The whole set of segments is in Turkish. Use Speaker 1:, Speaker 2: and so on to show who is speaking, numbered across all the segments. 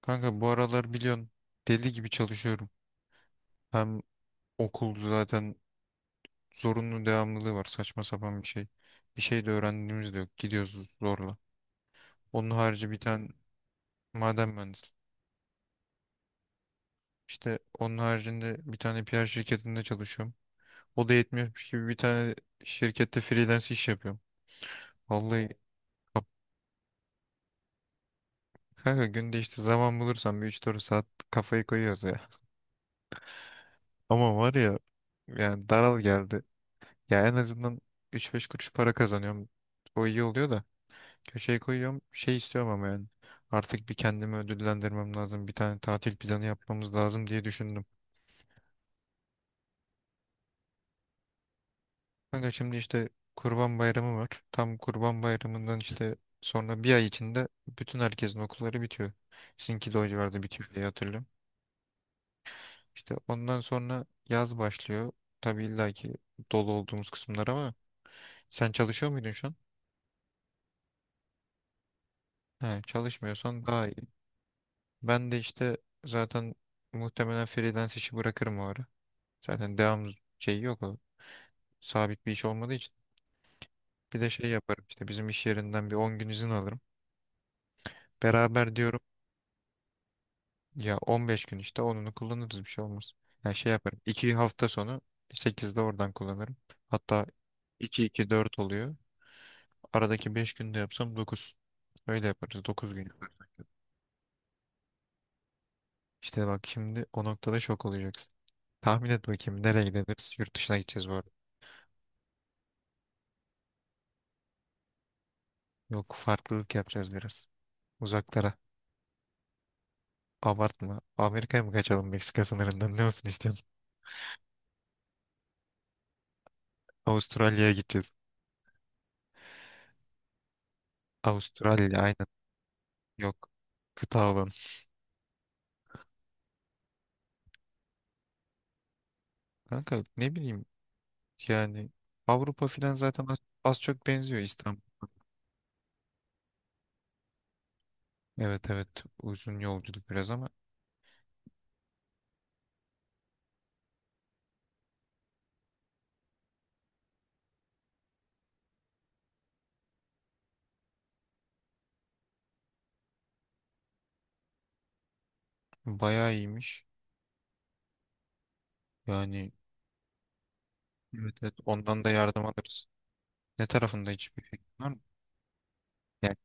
Speaker 1: Kanka bu aralar biliyorsun deli gibi çalışıyorum. Hem okul zaten zorunlu devamlılığı var, saçma sapan bir şey. Bir şey de öğrendiğimiz de yok. Gidiyoruz zorla. Onun harici bir tane maden mühendisi. İşte onun haricinde bir tane PR şirketinde çalışıyorum. O da yetmiyormuş gibi bir tane şirkette freelance iş yapıyorum. Vallahi kap- kanka günde işte zaman bulursam bir üç dört saat kafayı koyuyoruz ya. Ama var ya, yani daral geldi. Ya en azından üç beş kuruş para kazanıyorum. O iyi oluyor da. Köşeye koyuyorum. Şey istiyorum ama yani. Artık bir kendimi ödüllendirmem lazım. Bir tane tatil planı yapmamız lazım diye düşündüm. Kanka şimdi işte Kurban Bayramı var. Tam Kurban Bayramı'ndan işte sonra bir ay içinde bütün herkesin okulları bitiyor. Sizinki de o civarda bitiyor diye hatırlıyorum. İşte ondan sonra yaz başlıyor. Tabii illa ki dolu olduğumuz kısımlar ama sen çalışıyor muydun şu an? He, çalışmıyorsan daha iyi. Ben de işte zaten muhtemelen freelance işi bırakırım o ara. Zaten devam şeyi yok, sabit bir iş olmadığı için bir de şey yaparım, işte bizim iş yerinden bir 10 gün izin alırım. Beraber diyorum, ya 15 gün işte onunu kullanırız, bir şey olmaz. Yani şey yaparım, 2 hafta sonu sekizde oradan kullanırım. Hatta iki iki dört oluyor. Aradaki 5 günde yapsam dokuz. Öyle yaparız, 9 gün yaparız. İşte bak şimdi o noktada şok olacaksın. Tahmin et bakayım nereye gideriz? Yurt dışına gideceğiz bu arada. Yok, farklılık yapacağız biraz. Uzaklara. Abartma. Amerika'ya mı kaçalım Meksika sınırından? Ne olsun istiyorsun? Avustralya'ya gideceğiz. Avustralya aynen. Yok. Kıta olan. Kanka ne bileyim, yani Avrupa filan zaten az, az çok benziyor İstanbul. Evet evet, uzun yolculuk biraz ama bayağı iyiymiş. Yani evet evet, ondan da yardım alırız. Ne tarafında hiçbir fikrin var mı? Yani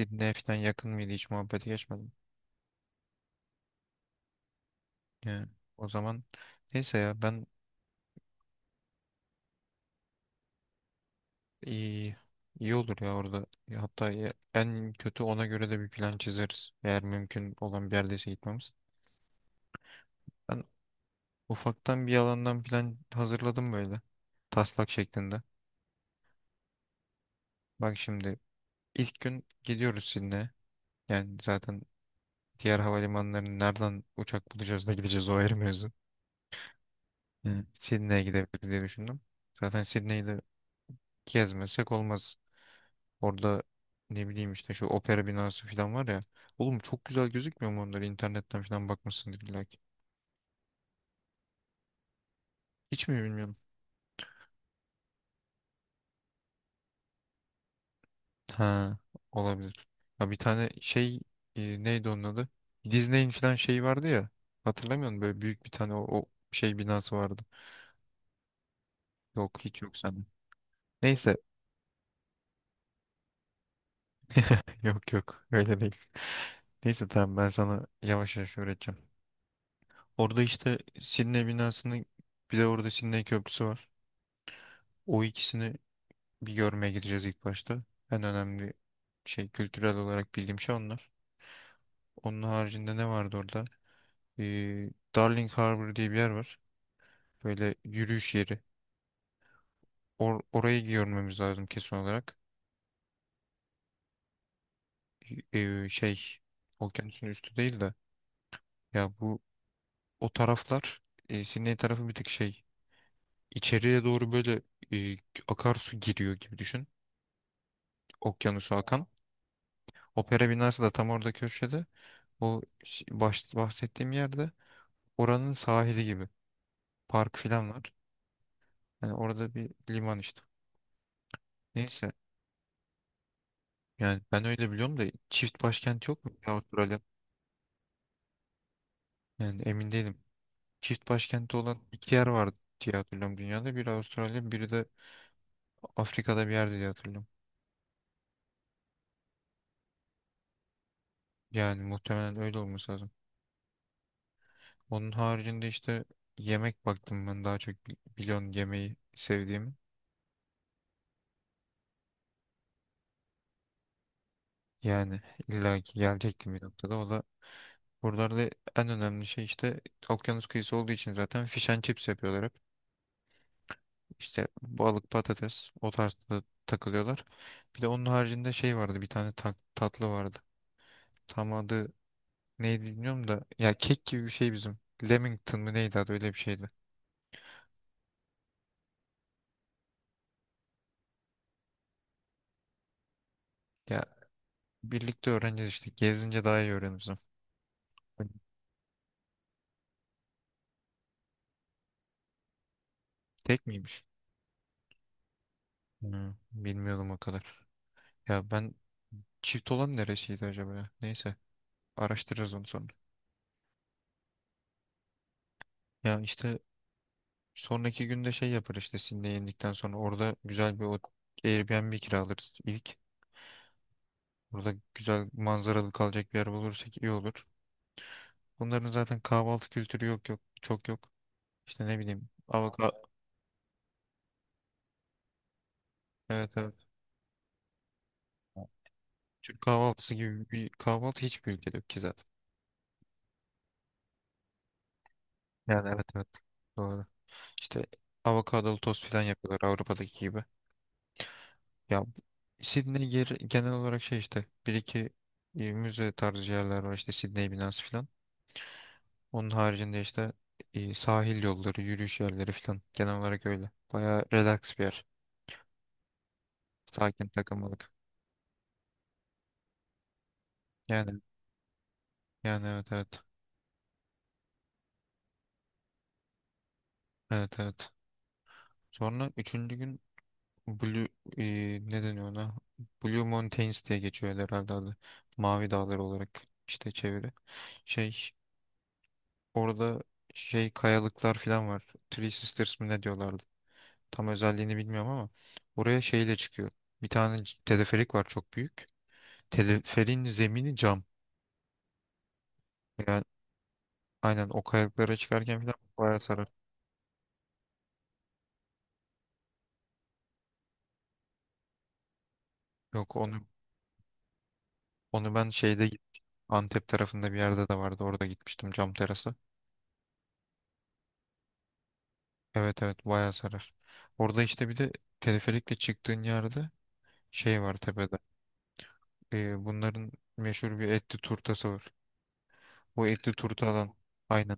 Speaker 1: Sydney'e falan yakın mıydı, hiç muhabbete geçmedim. Yani o zaman neyse, ya ben. İyi, iyi olur ya orada. Ya hatta en kötü ona göre de bir plan çizeriz. Eğer mümkün olan bir yerdeyse gitmemiz. Ben ufaktan bir alandan plan hazırladım böyle. Taslak şeklinde. Bak şimdi ilk gün gidiyoruz Sydney'e. Yani zaten diğer havalimanlarını nereden uçak bulacağız da gideceğiz, o ayrı mevzu. Yani Sydney'e gidebiliriz diye düşündüm. Zaten Sydney'i de gezmesek olmaz. Orada ne bileyim işte şu opera binası falan var ya. Oğlum çok güzel gözükmüyor mu onları? İnternetten falan bakmışsındır illa ki. Hiç mi bilmiyorum. Ha, olabilir. Ya bir tane şey, neydi onun adı? Disney'in falan şeyi vardı ya. Hatırlamıyor musun? Böyle büyük bir tane o şey binası vardı. Yok, hiç yok sende. Neyse, yok yok öyle değil. Neyse tamam, ben sana yavaş yavaş öğreteceğim. Orada işte Sidney binasını, bir de orada Sidney Köprüsü var. O ikisini bir görmeye gideceğiz ilk başta. En önemli şey, kültürel olarak bildiğim şey onlar. Onun haricinde ne vardı orada? Ee, Darling Harbour diye bir yer var. Böyle yürüyüş yeri. Orayı görmemiz lazım kesin olarak. Şey, okyanusun üstü değil de ya bu o taraflar, Sydney tarafı bir tık şey, içeriye doğru böyle e, akarsu giriyor gibi düşün. Okyanusu akan. Opera binası da tam orada köşede. O bahsettiğim yerde, oranın sahili gibi. Park falan var. Yani orada bir liman işte. Neyse. Yani ben öyle biliyorum da çift başkent yok mu ya Avustralya? Yani emin değilim. Çift başkenti olan iki yer vardı diye hatırlıyorum dünyada. Biri Avustralya, biri de Afrika'da bir yerde diye hatırlıyorum. Yani muhtemelen öyle olması lazım. Onun haricinde işte yemek baktım ben, daha çok biliyorsun yemeği sevdiğimi. Yani illa ki gelecektim bir noktada. O da buralarda en önemli şey, işte okyanus kıyısı olduğu için zaten fish and chips yapıyorlar hep. İşte balık patates, o tarzda takılıyorlar. Bir de onun haricinde şey vardı, bir tane tatlı vardı. Tam adı neydi bilmiyorum da ya kek gibi bir şey bizim. Lemington mı neydi adı, öyle bir şeydi. Ya birlikte öğreneceğiz işte, gezince daha iyi öğreniriz. Ama. Tek miymiş? Hı, bilmiyordum o kadar. Ya ben çift olan neresiydi acaba ya? Neyse, araştırırız onu sonra. Ya işte sonraki günde şey yapar, işte Sydney'e indikten sonra orada güzel bir Airbnb kiralarız ilk. Burada güzel manzaralı kalacak bir yer bulursak iyi olur. Bunların zaten kahvaltı kültürü yok yok. Çok yok. İşte ne bileyim, avokado. Evet evet. Türk kahvaltısı gibi bir kahvaltı hiçbir ülkede yok ki zaten. Yani evet evet. Doğru. İşte avokadolu tost falan yapıyorlar, Avrupa'daki gibi. Ya Sydney genel olarak şey, işte bir iki müze tarzı yerler var işte, Sydney binası falan. Onun haricinde işte sahil yolları, yürüyüş yerleri falan, genel olarak öyle. Bayağı relax bir yer. Sakin takılmalık. Yani yani evet evet. Evet evet. Sonra üçüncü gün Blue, e, ne deniyor ona? Blue Mountains diye geçiyor herhalde adı. Mavi dağlar olarak işte çeviri. Şey, orada şey kayalıklar falan var. Three Sisters mi ne diyorlardı? Tam özelliğini bilmiyorum ama oraya şeyle çıkıyor. Bir tane teleferik var çok büyük. Teleferin zemini cam. Yani aynen o kayalıklara çıkarken falan bayağı sarar. Yok onu. Onu ben şeyde gitmiştim. Antep tarafında bir yerde de vardı. Orada gitmiştim cam terası. Evet evet, bayağı sarar. Orada işte bir de teleferikle çıktığın yerde şey var tepede. Bunların meşhur bir etli turtası var. Bu etli turtadan aynen.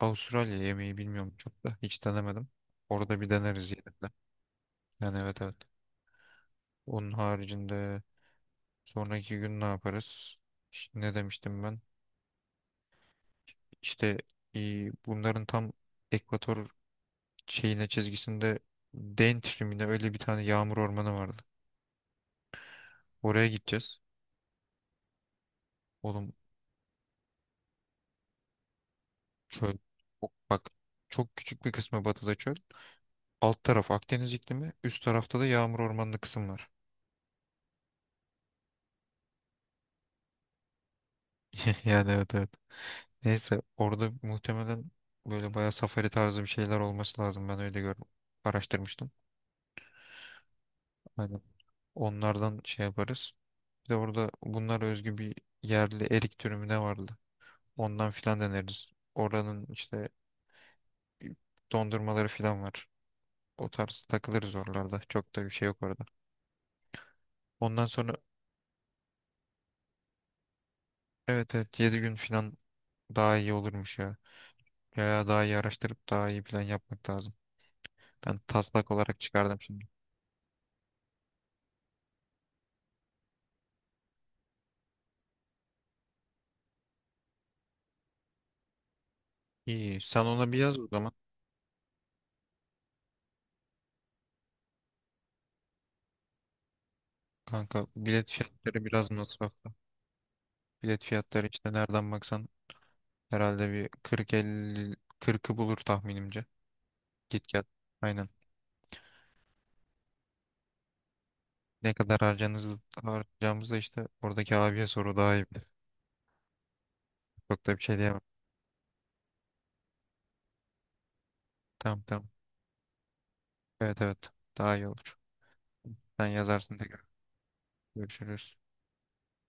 Speaker 1: Avustralya yemeği bilmiyorum, çok da hiç denemedim. Orada bir deneriz yine de. Yani evet evet. Onun haricinde sonraki gün ne yaparız? İşte ne demiştim ben? İşte bunların tam ekvator şeyine çizgisinde Dane trimine öyle bir tane yağmur ormanı vardı. Oraya gideceğiz. Oğlum çöl. Bak çok küçük bir kısmı batıda çöl. Alt taraf Akdeniz iklimi. Üst tarafta da yağmur ormanlı kısım var. Yani evet evet. Neyse orada muhtemelen böyle bayağı safari tarzı bir şeyler olması lazım. Ben öyle gördüm. Araştırmıştım. Aynen. Onlardan şey yaparız. Bir de orada bunlara özgü bir yerli erik türü mü ne vardı? Ondan filan deneriz. Oranın işte dondurmaları falan var. O tarz takılırız oralarda. Çok da bir şey yok orada. Ondan sonra evet evet, 7 gün falan daha iyi olurmuş ya. Ya daha iyi araştırıp daha iyi plan yapmak lazım. Ben taslak olarak çıkardım şimdi. İyi, sen ona bir yaz o zaman. Kanka bilet fiyatları biraz masraflı. Bilet fiyatları işte nereden baksan herhalde bir 40 50 kırkı bulur tahminimce. Git gel. Aynen. Ne kadar harcanız, harcayacağımızı da işte oradaki abiye soru, daha iyi bilir. Çok da bir şey diyemem. Tamam tamam. Evet evet. Daha iyi olur. Sen yazarsın tekrar. Görüşürüz.